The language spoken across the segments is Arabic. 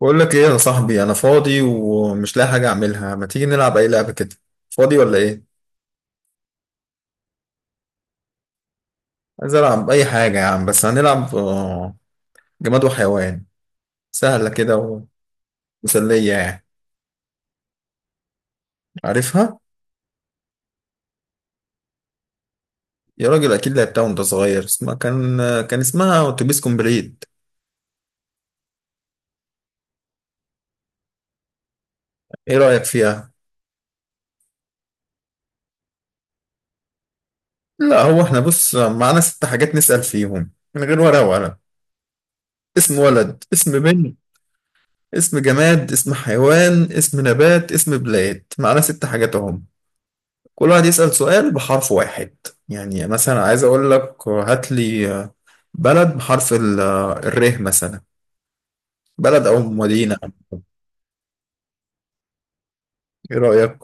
بقول لك ايه يا صاحبي، انا فاضي ومش لاقي حاجه اعملها. ما تيجي نلعب اي لعبه كده؟ فاضي ولا ايه؟ عايز العب اي حاجه يا عم، بس هنلعب جماد وحيوان. سهله كده ومسليه يعني. عارفها؟ يا راجل اكيد لعبتها وانت صغير، اسمها كان اسمها اتوبيس كومبليت. ايه رايك فيها؟ لا هو احنا بص، معانا ست حاجات نسال فيهم من غير ورقه وقلم: اسم ولد، اسم بنت، اسم جماد، اسم حيوان، اسم نبات، اسم بلاد. معانا ست حاجات اهم. كل واحد يسأل سؤال بحرف واحد. يعني مثلا عايز أقول لك: هات لي بلد بحرف الر مثلا، بلد أو مدينة. إيه رأيك؟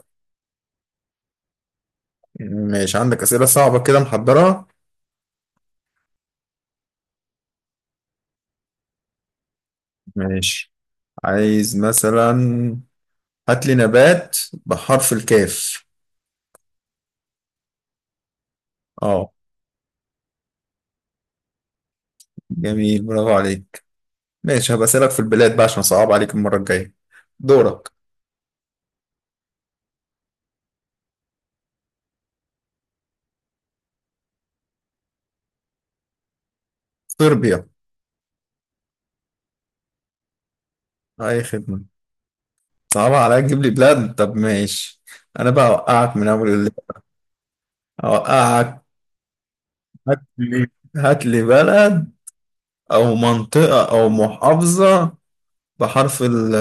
ماشي، عندك أسئلة صعبة كده محضرة؟ ماشي. عايز مثلا هات لي نبات بحرف الكاف. اه، جميل، برافو عليك. ماشي، هبقى أسألك في البلاد بقى عشان صعب عليك المرة الجاية. دورك. صربيا. أي خدمة. صعبة عليك تجيب لي بلاد، طب ماشي. أنا بقى أوقعك من أول الليل. أوقعك. هات لي هات لي بلد أو منطقة أو محافظة بحرف ال...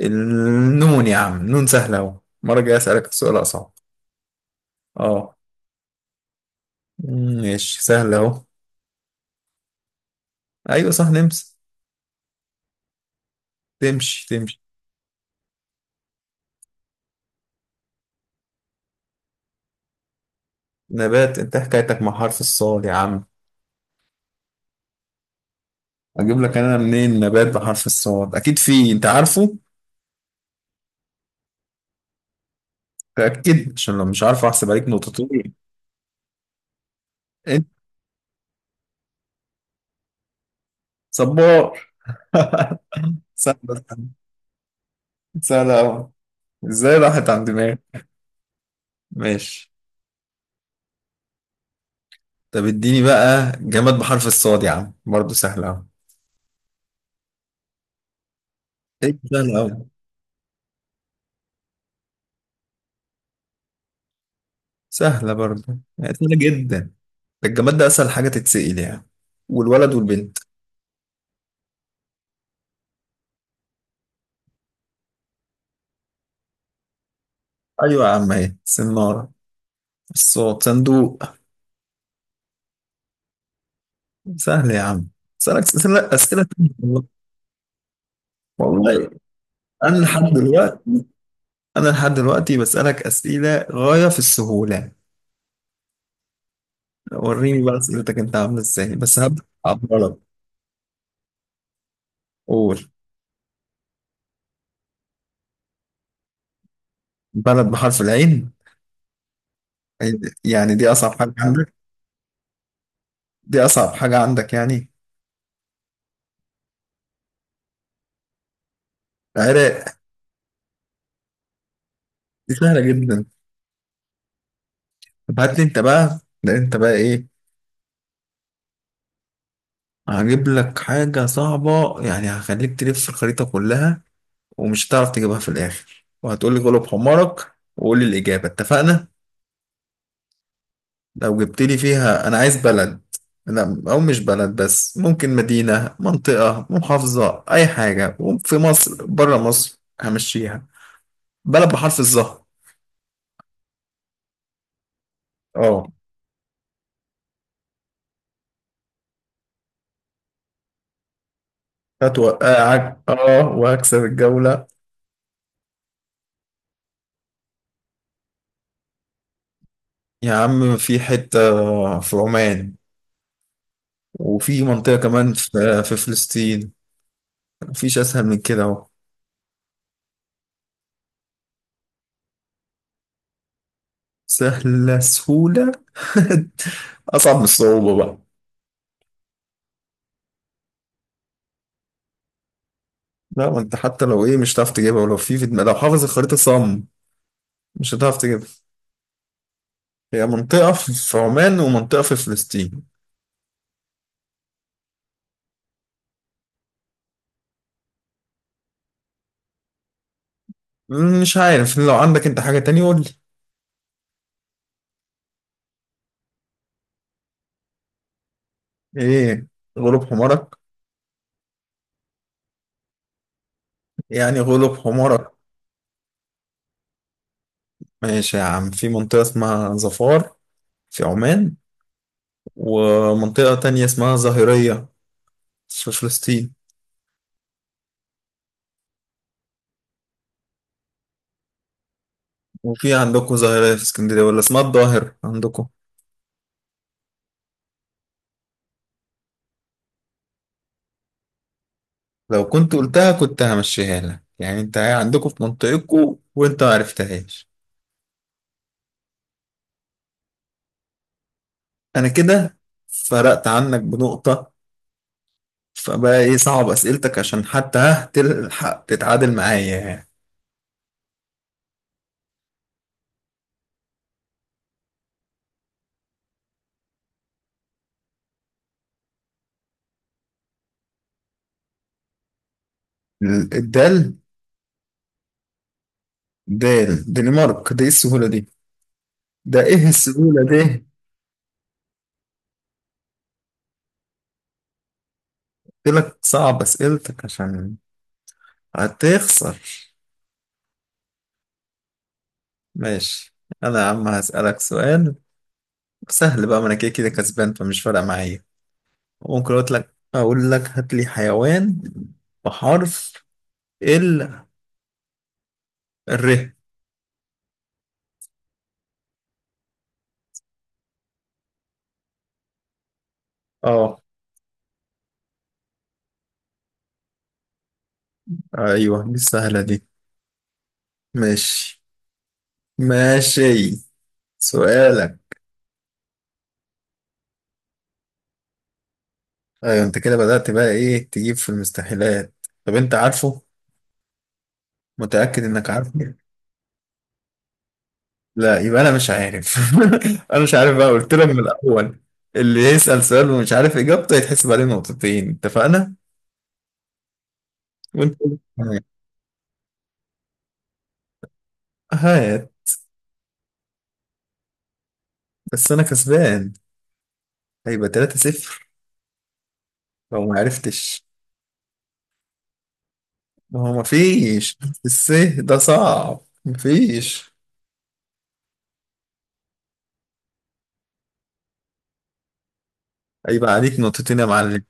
النون يا عم، نون سهلة أهو، المرة الجاية أسألك سؤال أصعب. أه. ماشي، سهلة أهو. أيوة صح، نمسي. تمشي تمشي. نبات؟ أنت حكايتك مع حرف الصاد يا عم. أجيب لك أنا منين نبات بحرف الصاد؟ أكيد في، أنت عارفه. تأكد، عشان لو مش عارفه أحسب عليك نقطتين. أنت. صبار. سهلة، سهلة أوي. إزاي راحت عند دماغي. ماشي. طب اديني بقى جماد بحرف الصاد يا عم، برضه سهلة أوي. إيه، سهلة أوي. سهلة برضه، يعني سهلة جدا. ده الجماد ده أسهل حاجة تتسأل يعني، والولد والبنت. أيوة يا عم، أهي سنارة. الصوت، صندوق. سهل يا عم، أسألك أسئلة تانية والله. والله أنا لحد دلوقتي أنا لحد دلوقتي بسألك أسئلة غاية في السهولة. وريني بقى أسئلتك أنت عاملة إزاي، بس هبدأ أبطلك. قول. بلد بحرف العين؟ يعني دي أصعب حاجة عندك؟ دي أصعب حاجة عندك يعني؟ العراق. دي سهلة جدا. طب هات لي أنت بقى، لا أنت بقى إيه، هجيب لك حاجة صعبة يعني، هخليك تلف الخريطة كلها ومش هتعرف تجيبها في الآخر، وهتقول لي غلب حمارك وقول لي الإجابة، اتفقنا؟ لو جبت لي فيها، أنا عايز بلد، لا أو مش بلد بس، ممكن مدينة، منطقة، محافظة، أي حاجة، في مصر، بره مصر، همشيها. بلد بحرف الظهر. اه، هتوقعك اه وهكسب الجولة. يا عم في حتة، في عمان، وفي منطقة كمان في في فلسطين. مفيش أسهل من كده أهو. سهلة سهولة. أصعب من الصعوبة بقى. لا ما أنت حتى لو إيه مش هتعرف تجيبها، ولو لو حافظ الخريطة صم مش هتعرف تجيبها. هي منطقة في عمان ومنطقة في فلسطين. مش عارف، لو عندك أنت حاجة تانية قول لي. إيه، غلب حمارك؟ يعني غلب حمارك. ماشي يا عم، في منطقة اسمها ظفار في عمان، ومنطقة تانية اسمها ظاهرية في فلسطين. وفي عندكم ظاهرية في اسكندرية، ولا اسمها الظاهر عندكم؟ لو كنت قلتها كنت همشيها لك يعني، انت عندكم في منطقتكم وانت ما عرفتهاش. انا كده فرقت عنك بنقطة، فبقى ايه صعب اسئلتك عشان حتى ها تلحق تتعادل معايا يعني. الدال. دال، دنمارك، دي إيه السهولة دي؟ ده ايه السهولة دي؟ قلت لك صعب اسئلتك عشان هتخسر. ماشي. انا يا عم هسألك سؤال سهل بقى، ما انا كده كده كسبان فمش فارقة معايا. ممكن اقول لك هات لي حيوان بحرف ال ر. اه، ايوه دي السهلة دي. ماشي. ماشي. سؤالك. ايوه انت كده بدأت بقى ايه، تجيب في المستحيلات. طب انت عارفه؟ متأكد انك عارفه؟ لا يبقى انا مش عارف. انا مش عارف بقى، قلت لك من الاول، اللي يسأل سؤال ومش عارف اجابته يتحسب عليه نقطتين، اتفقنا؟ وانت. هات. بس انا كسبان، هيبقى 3-0 لو ما عرفتش. ما هو ما فيش الس، ده صعب، ما فيش. هيبقى عليك نقطتين يا معلم.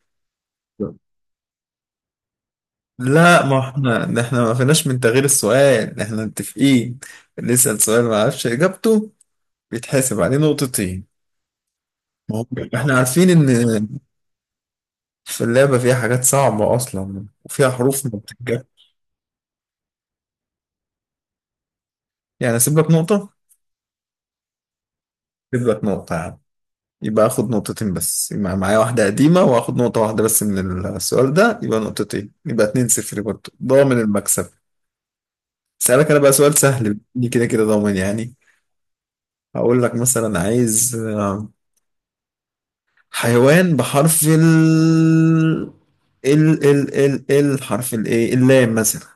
لا ما احنا ده، احنا ما فيناش من تغيير السؤال، احنا متفقين اللي يسأل سؤال ما عرفش اجابته بيتحاسب عليه نقطتين. ما هو احنا عارفين ان في اللعبة فيها حاجات صعبة اصلا وفيها حروف ما بتتجاب. يعني اسيب لك نقطة، اسيب لك نقطة يا عم. يبقى اخد نقطتين بس، يبقى معايا واحدة قديمة واخد نقطة واحدة بس من السؤال ده، يبقى نقطتين، يبقى اتنين صفر برضه، ضامن المكسب. سألك انا بقى سؤال سهل بني كده كده ضامن يعني. هقول لك مثلا عايز حيوان بحرف ال ال ال ال ال حرف الايه اللام مثلا.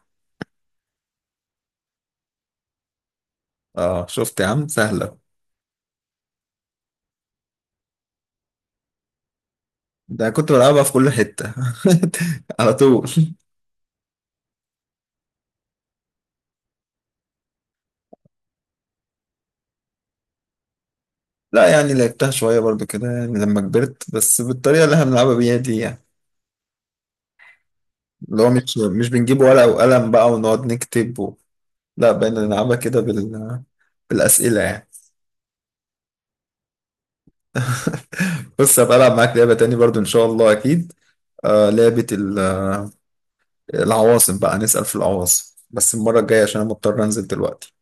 اه شفت يا عم، سهلة. ده كنت بلعبها في كل حتة. على طول. لا يعني لعبتها شوية برضو كده يعني لما كبرت، بس بالطريقة اللي احنا بنلعبها بيها دي يعني، اللي هو مش بنجيب ورقة وقلم بقى ونقعد نكتب و... لا بقينا نلعبها كده بالأسئلة يعني. بص، هبقى ألعب معاك لعبة تاني برضو إن شاء الله أكيد. آه، لعبة العواصم بقى، نسأل في العواصم بس المرة الجاية عشان أنا مضطر أنزل دلوقتي.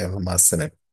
يلا، مع السلامة.